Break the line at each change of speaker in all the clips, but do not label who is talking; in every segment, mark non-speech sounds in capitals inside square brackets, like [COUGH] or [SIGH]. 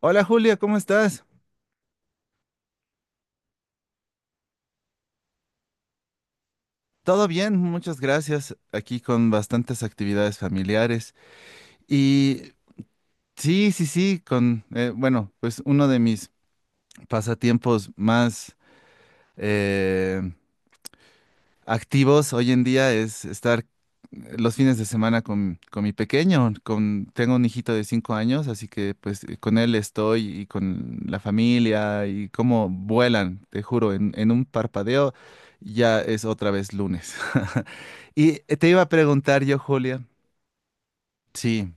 Hola Julia, ¿cómo estás? Todo bien, muchas gracias. Aquí con bastantes actividades familiares. Y sí, sí, sí, con, bueno, pues uno de mis pasatiempos más eh, activos hoy en día es estar los fines de semana con mi pequeño, con, tengo un hijito de 5 años, así que pues con él estoy y con la familia y cómo vuelan, te juro, en un parpadeo ya es otra vez lunes. [LAUGHS] Y te iba a preguntar yo, Julia. Sí,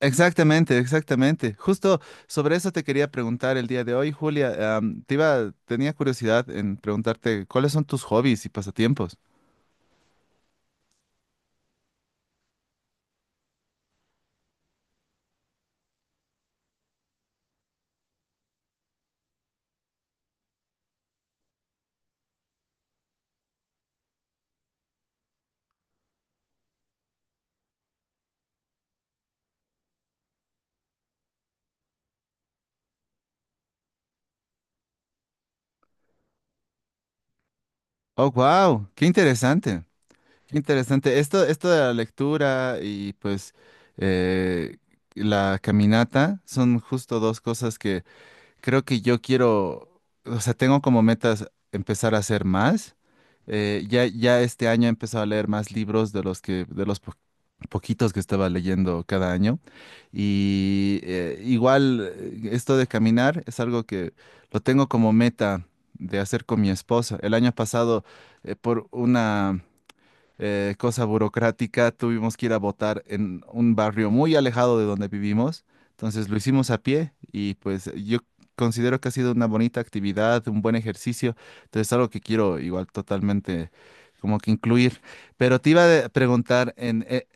exactamente, exactamente. Justo sobre eso te quería preguntar el día de hoy, Julia. Tenía curiosidad en preguntarte cuáles son tus hobbies y pasatiempos. Oh, wow, qué interesante, qué interesante. Esto de la lectura y pues eh, la caminata son justo dos cosas que creo que yo quiero, o sea, tengo como metas empezar a hacer más. Ya este año he empezado a leer más libros de los poquitos que estaba leyendo cada año. Y igual esto de caminar es algo que lo tengo como meta de hacer con mi esposa. El año pasado, por una cosa burocrática, tuvimos que ir a votar en un barrio muy alejado de donde vivimos. Entonces lo hicimos a pie y pues yo considero que ha sido una bonita actividad, un buen ejercicio. Entonces es algo que quiero igual totalmente como que incluir. Pero te iba a preguntar,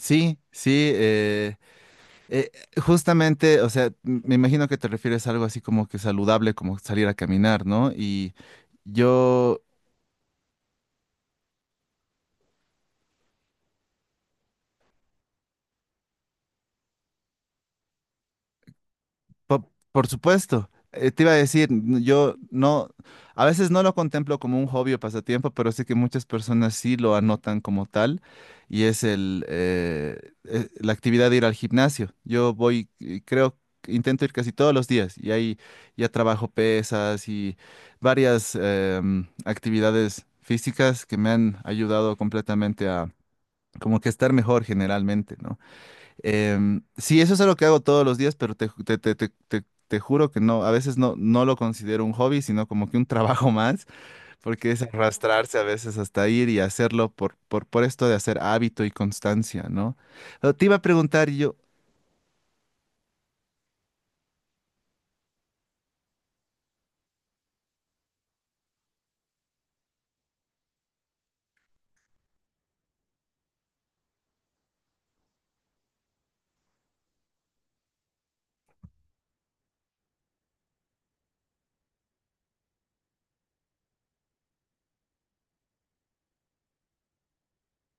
Sí, sí, eh, justamente, o sea, me imagino que te refieres a algo así como que saludable, como salir a caminar, ¿no? Y yo Por supuesto. Te iba a decir, yo no, a veces no lo contemplo como un hobby o pasatiempo, pero sé que muchas personas sí lo anotan como tal y es la actividad de ir al gimnasio. Yo voy, creo que intento ir casi todos los días y ahí ya trabajo pesas y varias actividades físicas que me han ayudado completamente a como que estar mejor generalmente, ¿no? Sí, eso es algo que hago todos los días, pero te, ju- te- te juro que no, a veces no, no lo considero un hobby, sino como que un trabajo [LAUGHS] más, porque es arrastrarse a veces hasta ir y hacerlo por, por esto de hacer hábito y constancia, ¿no? Pero te iba a preguntar, yo,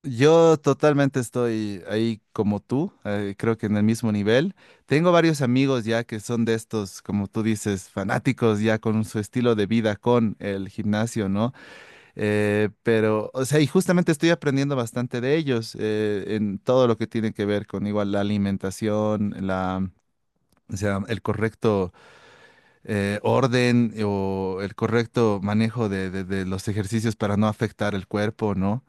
yo totalmente estoy ahí como tú, creo que en el mismo nivel. Tengo varios amigos ya que son de estos, como tú dices, fanáticos ya con su estilo de vida, con el gimnasio, ¿no? Pero, o sea, y justamente estoy aprendiendo bastante de ellos en todo lo que tiene que ver con igual la alimentación, la, o sea, el correcto orden o el correcto manejo de los ejercicios para no afectar el cuerpo, ¿no?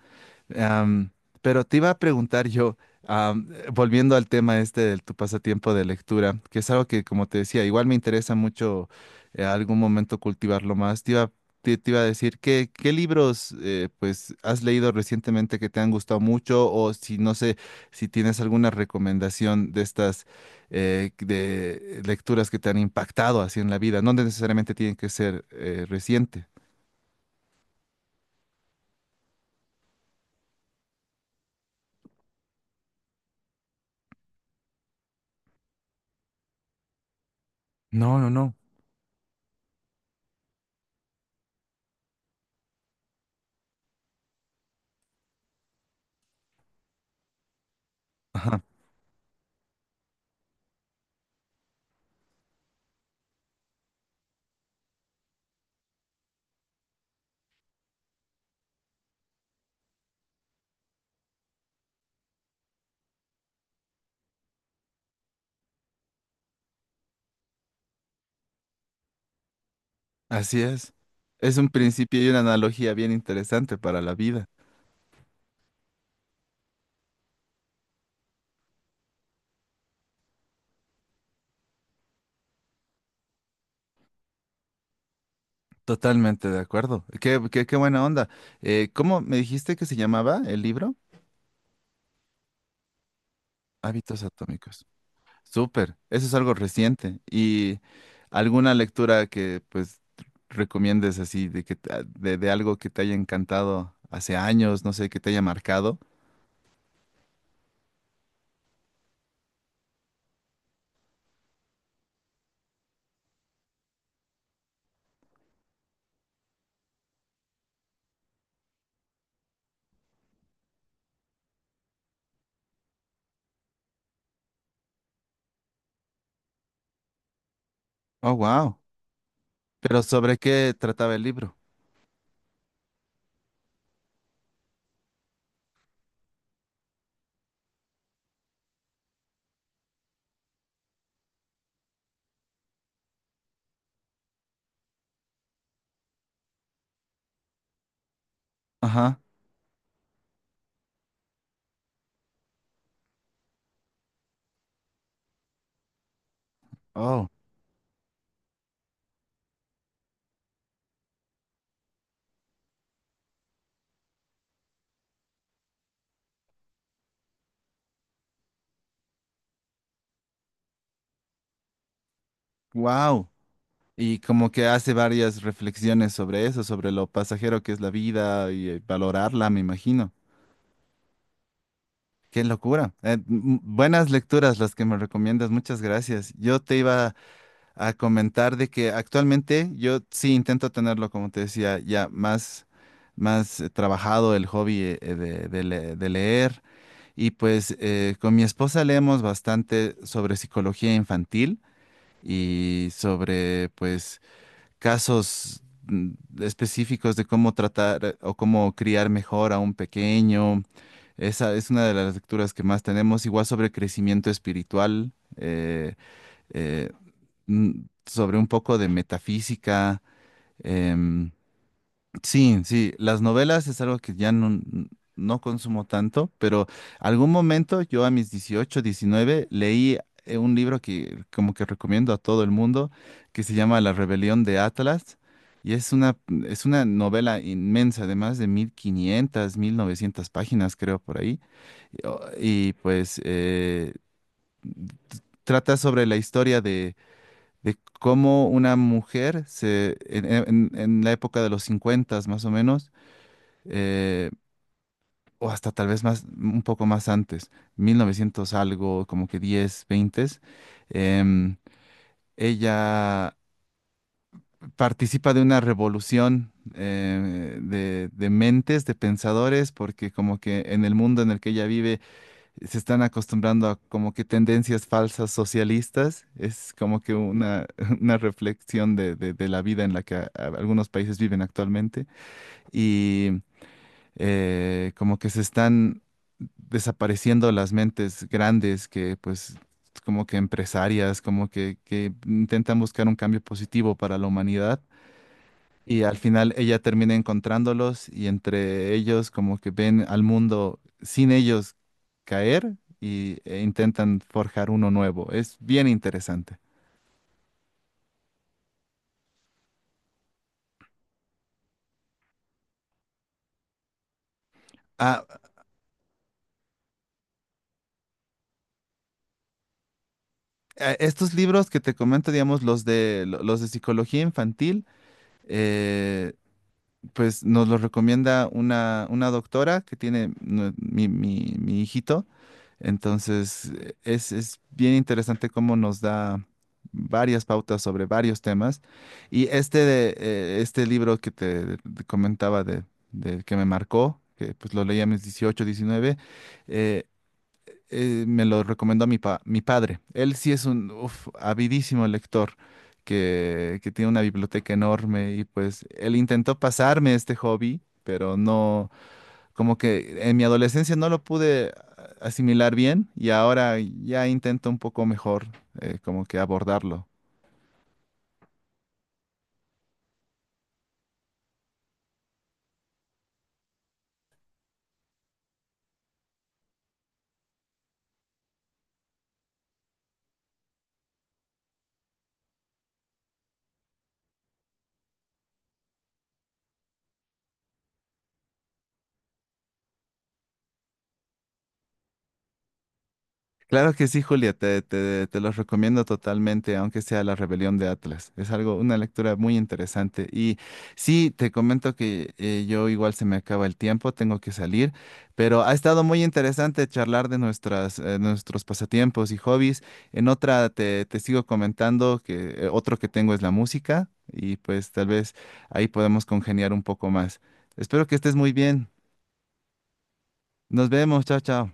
Am, pero te iba a preguntar yo, volviendo al tema este de tu pasatiempo de lectura, que es algo que, como te decía, igual me interesa mucho algún momento cultivarlo más. Te iba a decir, ¿qué, qué libros pues has leído recientemente que te han gustado mucho? O si no sé, si tienes alguna recomendación de estas de lecturas que te han impactado así en la vida. No necesariamente tienen que ser reciente. No, no, no. Así es. Es un principio y una analogía bien interesante para la vida. Totalmente de acuerdo. Qué, qué, qué buena onda. ¿Cómo me dijiste que se llamaba el libro? Hábitos atómicos. Súper. Eso es algo reciente. ¿Y alguna lectura que pues recomiendes así de que de algo que te haya encantado hace años, no sé, que te haya marcado? Oh, wow. Pero ¿sobre qué trataba el libro? Ajá. Oh, wow. Y como que hace varias reflexiones sobre eso, sobre lo pasajero que es la vida y valorarla, me imagino. Qué locura. Buenas lecturas las que me recomiendas, muchas gracias. Yo te iba a comentar de que actualmente yo sí intento tenerlo, como te decía, más trabajado el hobby de leer. Y pues con mi esposa leemos bastante sobre psicología infantil y sobre pues casos mm, específicos de cómo tratar o cómo criar mejor a un pequeño. Esa es una de las lecturas que más tenemos, igual sobre crecimiento espiritual, eh, eh, sobre un poco de metafísica. em, Sí, sí, las novelas es algo que ya no, no consumo tanto, pero algún momento yo a mis 18, 19 leí un libro que como que recomiendo a todo el mundo que se llama La Rebelión de Atlas, y es una novela inmensa de más de 1500, mil 1900 páginas creo por ahí. Pues t- trata sobre la historia de cómo una mujer se, en la época de los 50 más o menos eh, o hasta tal vez más, un poco más antes, 1900 algo, como que 10 20, em, ella participa de una revolución de mentes, de pensadores, porque como que en el mundo en el que ella vive se están acostumbrando a como que tendencias falsas socialistas, es como que una, [LAUGHS] una reflexión de de la vida en la que algunos países viven actualmente. Como que se están desapareciendo las mentes grandes que pues como que empresarias, que intentan buscar un cambio positivo para la humanidad, y al final ella termina encontrándolos y entre ellos como que ven al mundo sin ellos caer, e intentan forjar uno nuevo. Es bien interesante. Ah, estos libros que te comento, digamos, los de psicología infantil, eh, pues nos lo recomienda una doctora que tiene mi hijito. Entonces, es bien interesante cómo nos da varias pautas sobre varios temas. Y este, este libro que comentaba del que me marcó, que pues lo leí a mis 18 19 eh, me lo recomendó mi padre. Él sí es un uf, avidísimo lector que tiene una biblioteca enorme y pues él intentó pasarme este hobby, pero no, como que en mi adolescencia no lo pude asimilar bien y ahora ya intento un poco mejor como que abordarlo. Claro que sí, Julia, te los recomiendo totalmente, aunque sea La Rebelión de Atlas. Es algo, una lectura muy interesante. Y sí, te comento que yo igual se me acaba el tiempo, tengo que salir, pero ha estado muy interesante charlar de nuestras, nuestros pasatiempos y hobbies. En otra te sigo comentando que otro que tengo es la música y pues tal vez ahí podemos congeniar un poco más. Espero que estés muy bien. Nos vemos, chao, chao.